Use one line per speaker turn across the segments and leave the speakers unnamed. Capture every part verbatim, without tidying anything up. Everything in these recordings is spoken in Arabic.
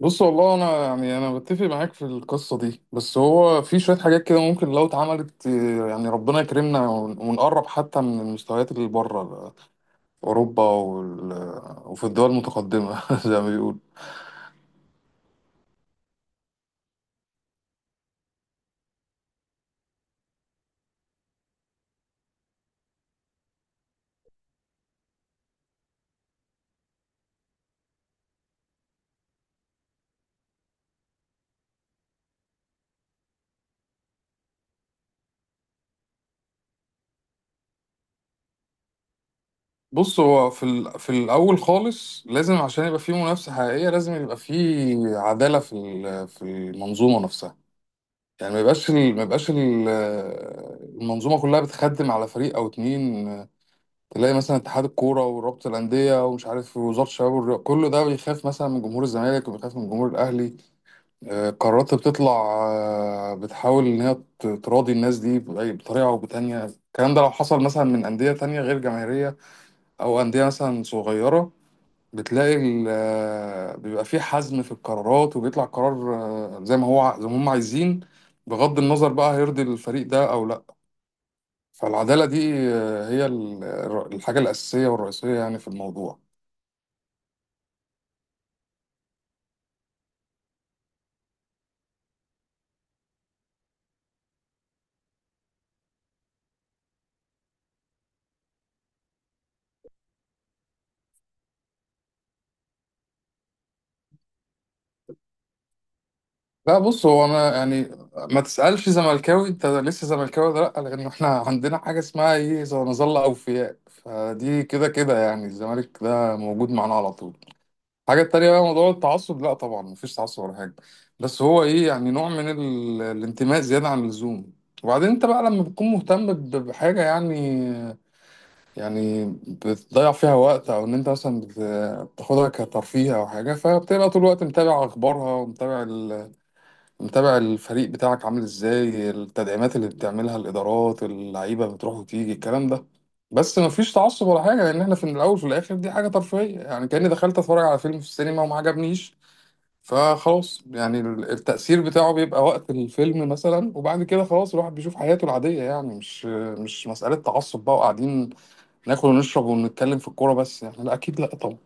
بص والله انا يعني انا بتفق معاك في القصه دي. بس هو في شويه حاجات كده ممكن لو اتعملت، آه، يعني ربنا يكرمنا ون- ونقرب حتى من المستويات اللي بره اوروبا وال... وفي الدول المتقدمه زي ما بيقول. بص هو في ال... في الاول خالص، لازم عشان يبقى في منافسه حقيقيه لازم يبقى في عداله في ال... في المنظومه نفسها. يعني ما يبقاش ال... ما يبقاش ال... المنظومه كلها بتخدم على فريق او اتنين. تلاقي مثلا اتحاد الكوره ورابطه الانديه ومش عارف وزاره الشباب والرياضه، كله ده بيخاف مثلا من جمهور الزمالك وبيخاف من جمهور الاهلي. آه، قرارات بتطلع، آه، بتحاول ان هي ت- تراضي الناس دي بأي- بطريقه او بتانيه. الكلام ده لو حصل مثلا من انديه تانيه غير جماهيريه او انديه مثلا صغيره، بتلاقي ال- آه، بيبقى في حزم في القرارات، وبيطلع قرار آه، زي ما هو ع- زي ما هم عايزين، بغض النظر بقى هيرضي الفريق ده او لا. فالعدالة دي آه، هي ال- الر- الحاجة الأساسية والرئيسية يعني في الموضوع. لا بص، هو أنا يعني ما تسألش زملكاوي أنت لسه زملكاوي ولا لأ، لأن إحنا عندنا حاجة اسمها إيه؟ زي نظل أوفياء. فدي كده كده يعني، الزمالك ده موجود معانا على طول. الحاجة التانية بقى موضوع التعصب، لأ طبعا مفيش تعصب ولا حاجة. بس هو إيه؟ يعني نوع من ال- الانتماء زيادة عن اللزوم. وبعدين أنت بقى لما بتكون مهتم ب- بحاجة يعني، يعني بتضيع فيها وقت، او ان انت مثلا بت- بتاخدها كترفيه او حاجه، فبتبقى طول الوقت متابع اخبارها ومتابع ال... متابع الفريق بتاعك عامل ازاي، التدعيمات اللي بتعملها الادارات، اللعيبه بتروح وتيجي الكلام ده. بس مفيش تعصب ولا حاجه، لان احنا في الاول وفي الاخر دي حاجه ترفيهيه يعني. كاني دخلت اتفرج على فيلم في السينما وما عجبنيش، فخلاص يعني ال- التأثير بتاعه بيبقى وقت الفيلم مثلا، وبعد كده خلاص الواحد بيشوف حياته العادية. يعني مش مش مسألة تعصب بقى، وقاعدين ناكل ونشرب ونتكلم في الكورة بس، يعني لا أكيد لا طبعا.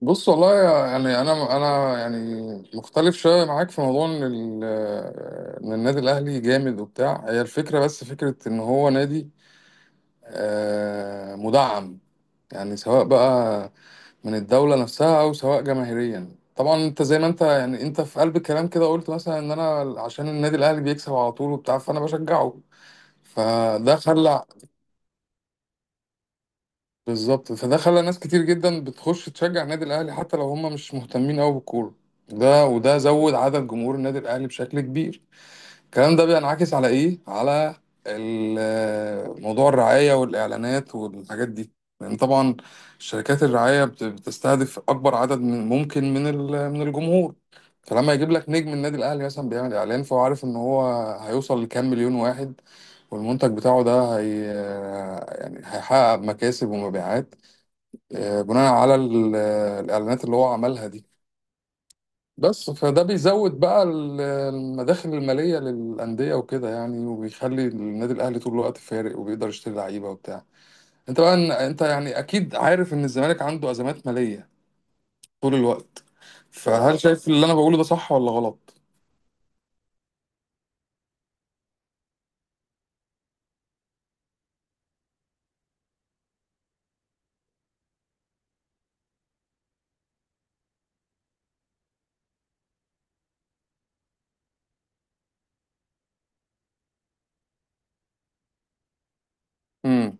بص والله يعني، أنا أنا يعني مختلف شوية معاك في موضوع إن ال- إن النادي الأهلي جامد وبتاع. هي الفكرة، بس فكرة إن هو نادي آه، مدعم، يعني سواء بقى من الدولة نفسها أو سواء جماهيريا. طبعا أنت زي ما أنت يعني، أنت في قلب الكلام كده قلت مثلا إن أنا عشان النادي الأهلي بيكسب على طول وبتاع فأنا بشجعه، فده خلى. بالظبط، فده خلى ناس كتير جدا بتخش تشجع النادي الاهلي حتى لو هم مش مهتمين قوي بالكوره. ده وده زود عدد جمهور النادي الاهلي بشكل كبير. الكلام ده بينعكس على ايه؟ على ال- موضوع الرعايه والاعلانات والحاجات دي. لان طبعا شركات الرعايه بت- بتستهدف اكبر عدد من ممكن من ال- من الجمهور. فلما يجيب لك نجم النادي الاهلي مثلا بيعمل اعلان، فهو عارف ان هو هيوصل لكام مليون واحد، والمنتج بتاعه ده هي يعني هيحقق مكاسب ومبيعات آه، بناء على ال- الإعلانات اللي هو عملها دي. بس فده بيزود بقى ال- المداخل المالية للأندية وكده يعني، وبيخلي النادي الأهلي طول الوقت فارق وبيقدر يشتري لعيبة وبتاع. انت بقى انت يعني أكيد عارف إن الزمالك عنده أزمات مالية طول الوقت. فهل شايف اللي أنا بقوله ده صح ولا غلط؟ امم.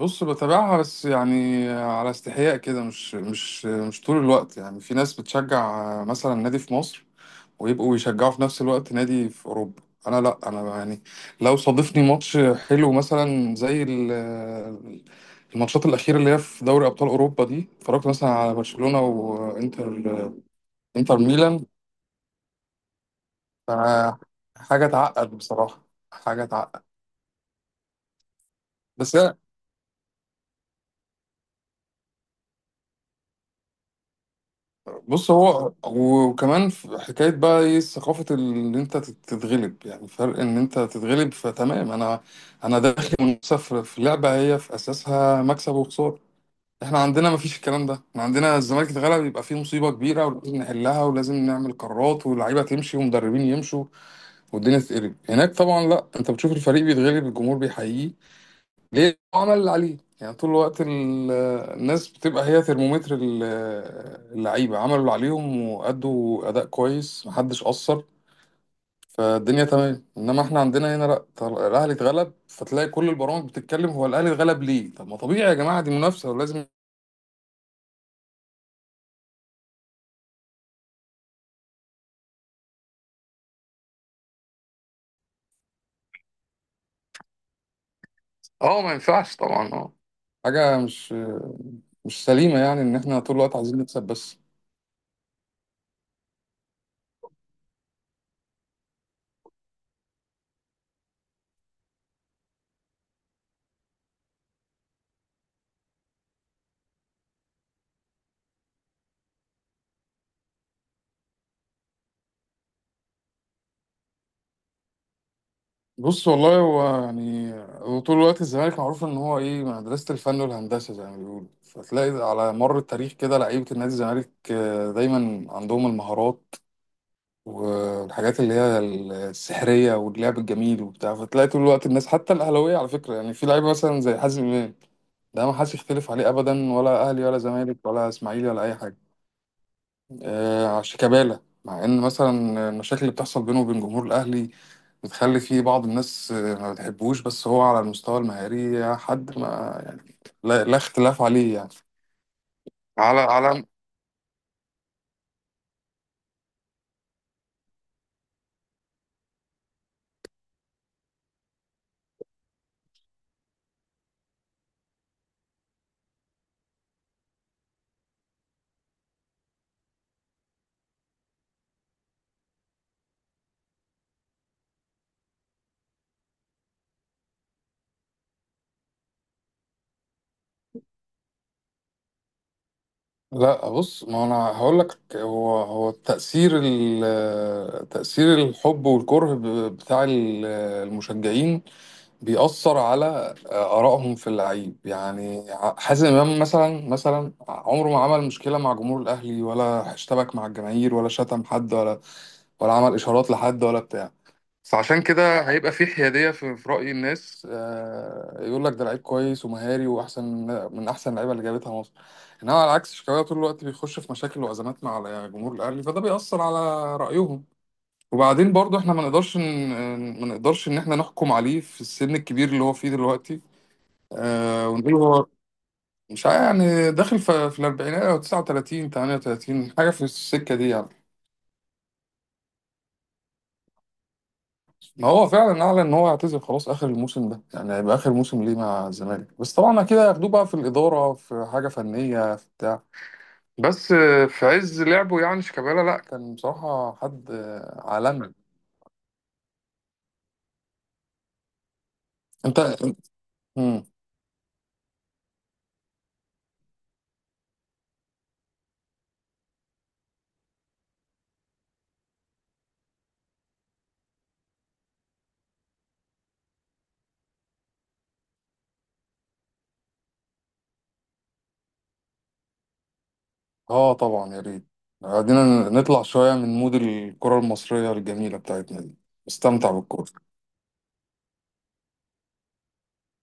بص بتابعها بس يعني على استحياء كده، مش مش مش طول الوقت. يعني في ناس بتشجع مثلا نادي في مصر ويبقوا يشجعوا في نفس الوقت نادي في اوروبا، انا لا، انا يعني لو صادفني ماتش حلو مثلا زي ال- الماتشات الاخيره اللي هي في دوري ابطال اوروبا دي، اتفرجت مثلا على برشلونه وانتر، انتر ميلان. ف- حاجه تعقد بصراحه. حاجه تعقد. بس أنا- بص، هو وكمان في حكايه بقى ايه، ثقافه ان انت تتغلب. يعني فرق ان انت تتغلب فتمام، انا انا داخل منافسه في في لعبه هي في اساسها مكسب وخساره. احنا عندنا مفيش الكلام ده. احنا عندنا الزمالك اتغلب يبقى فيه مصيبة كبيرة ولازم نحلها ولازم نعمل قرارات واللعيبة تمشي ومدربين يمشوا والدنيا تتقلب. هناك طبعا لا، انت بتشوف الفريق بيتغلب الجمهور بيحييه، ليه؟ هو عمل اللي عليه. يعني طول الوقت ال- الناس بتبقى هي ترمومتر ال- اللعيبة، عملوا اللي عليهم وأدوا أداء كويس محدش قصر فالدنيا تمام. انما احنا عندنا هنا لا، طل- الاهلي اتغلب فتلاقي كل البرامج بتتكلم هو الاهلي اتغلب ليه، طب ما طبيعي يا جماعه دي منافسه ولازم. اه ما ينفعش طبعا، اه. حاجة مش مش سليمة يعني إن إحنا طول الوقت عايزين نكسب بس. بص والله، هو يعني هو طول الوقت الزمالك معروف إن هو إيه، مدرسة الفن والهندسة زي ما بيقولوا. فتلاقي على مر التاريخ كده لعيبة النادي الزمالك آه، دايما عندهم المهارات والحاجات اللي هي السحرية واللعب الجميل وبتاع. فتلاقي طول الوقت الناس حتى الأهلاوية على فكرة، يعني في لعيبة مثلا زي حازم إمام، ده ما حدش يختلف عليه أبدا، ولا أهلي ولا زمالك ولا إسماعيلي ولا أي حاجة. آه، شيكابالا، مع ان مثلا المشاكل اللي بتحصل بينه وبين جمهور الاهلي بتخلي فيه بعض الناس آه، ما بتحبوش، بس هو على المستوى المهاري حد ما يعني لا, لا اختلاف عليه يعني. على على لا بص، ما انا هقول لك، هو هو تأثير ال- تأثير الحب والكره ب- بتاع ال- المشجعين بيأثر على آرائهم في اللعيب يعني. حازم إمام مثلا، مثلا عمره ما عمل مشكلة مع جمهور الأهلي، ولا اشتبك مع الجماهير، ولا شتم حد، ولا ولا عمل إشارات لحد ولا بتاع. فعشان كده هيبقى في حيادية في, في رأي الناس. آه، يقول لك ده لعيب كويس ومهاري وأحسن من أحسن اللعيبة اللي جابتها مصر. إنما على العكس شيكابالا طول الوقت بيخش في مشاكل وأزمات مع جمهور الأهلي، فده بيأثر على رأيهم. وبعدين برضه إحنا ما نقدرش ن- ما نقدرش إن إحنا نحكم عليه في السن الكبير اللي هو فيه دلوقتي. آه ونقول هو مش عارف، يعني داخل في, في الأربعينات أو تسعة وتلاتين تمانية وتلاتين حاجة في السكة دي يعني. ما هو فعلا اعلن ان هو هيعتزل خلاص اخر الموسم ده، يعني هيبقى اخر موسم ليه مع الزمالك، بس طبعا اكيد هياخدوه بقى في الاداره، في حاجه فنيه، في بتاع. بس آه، في عز لعبه يعني شيكابالا لا، كان بصراحه حد آه، عالمي. انت. مم. اه طبعا، يا ريت. قعدنا نطلع شويه من مود الكره المصريه الجميله بتاعتنا دي. استمتع بالكوره.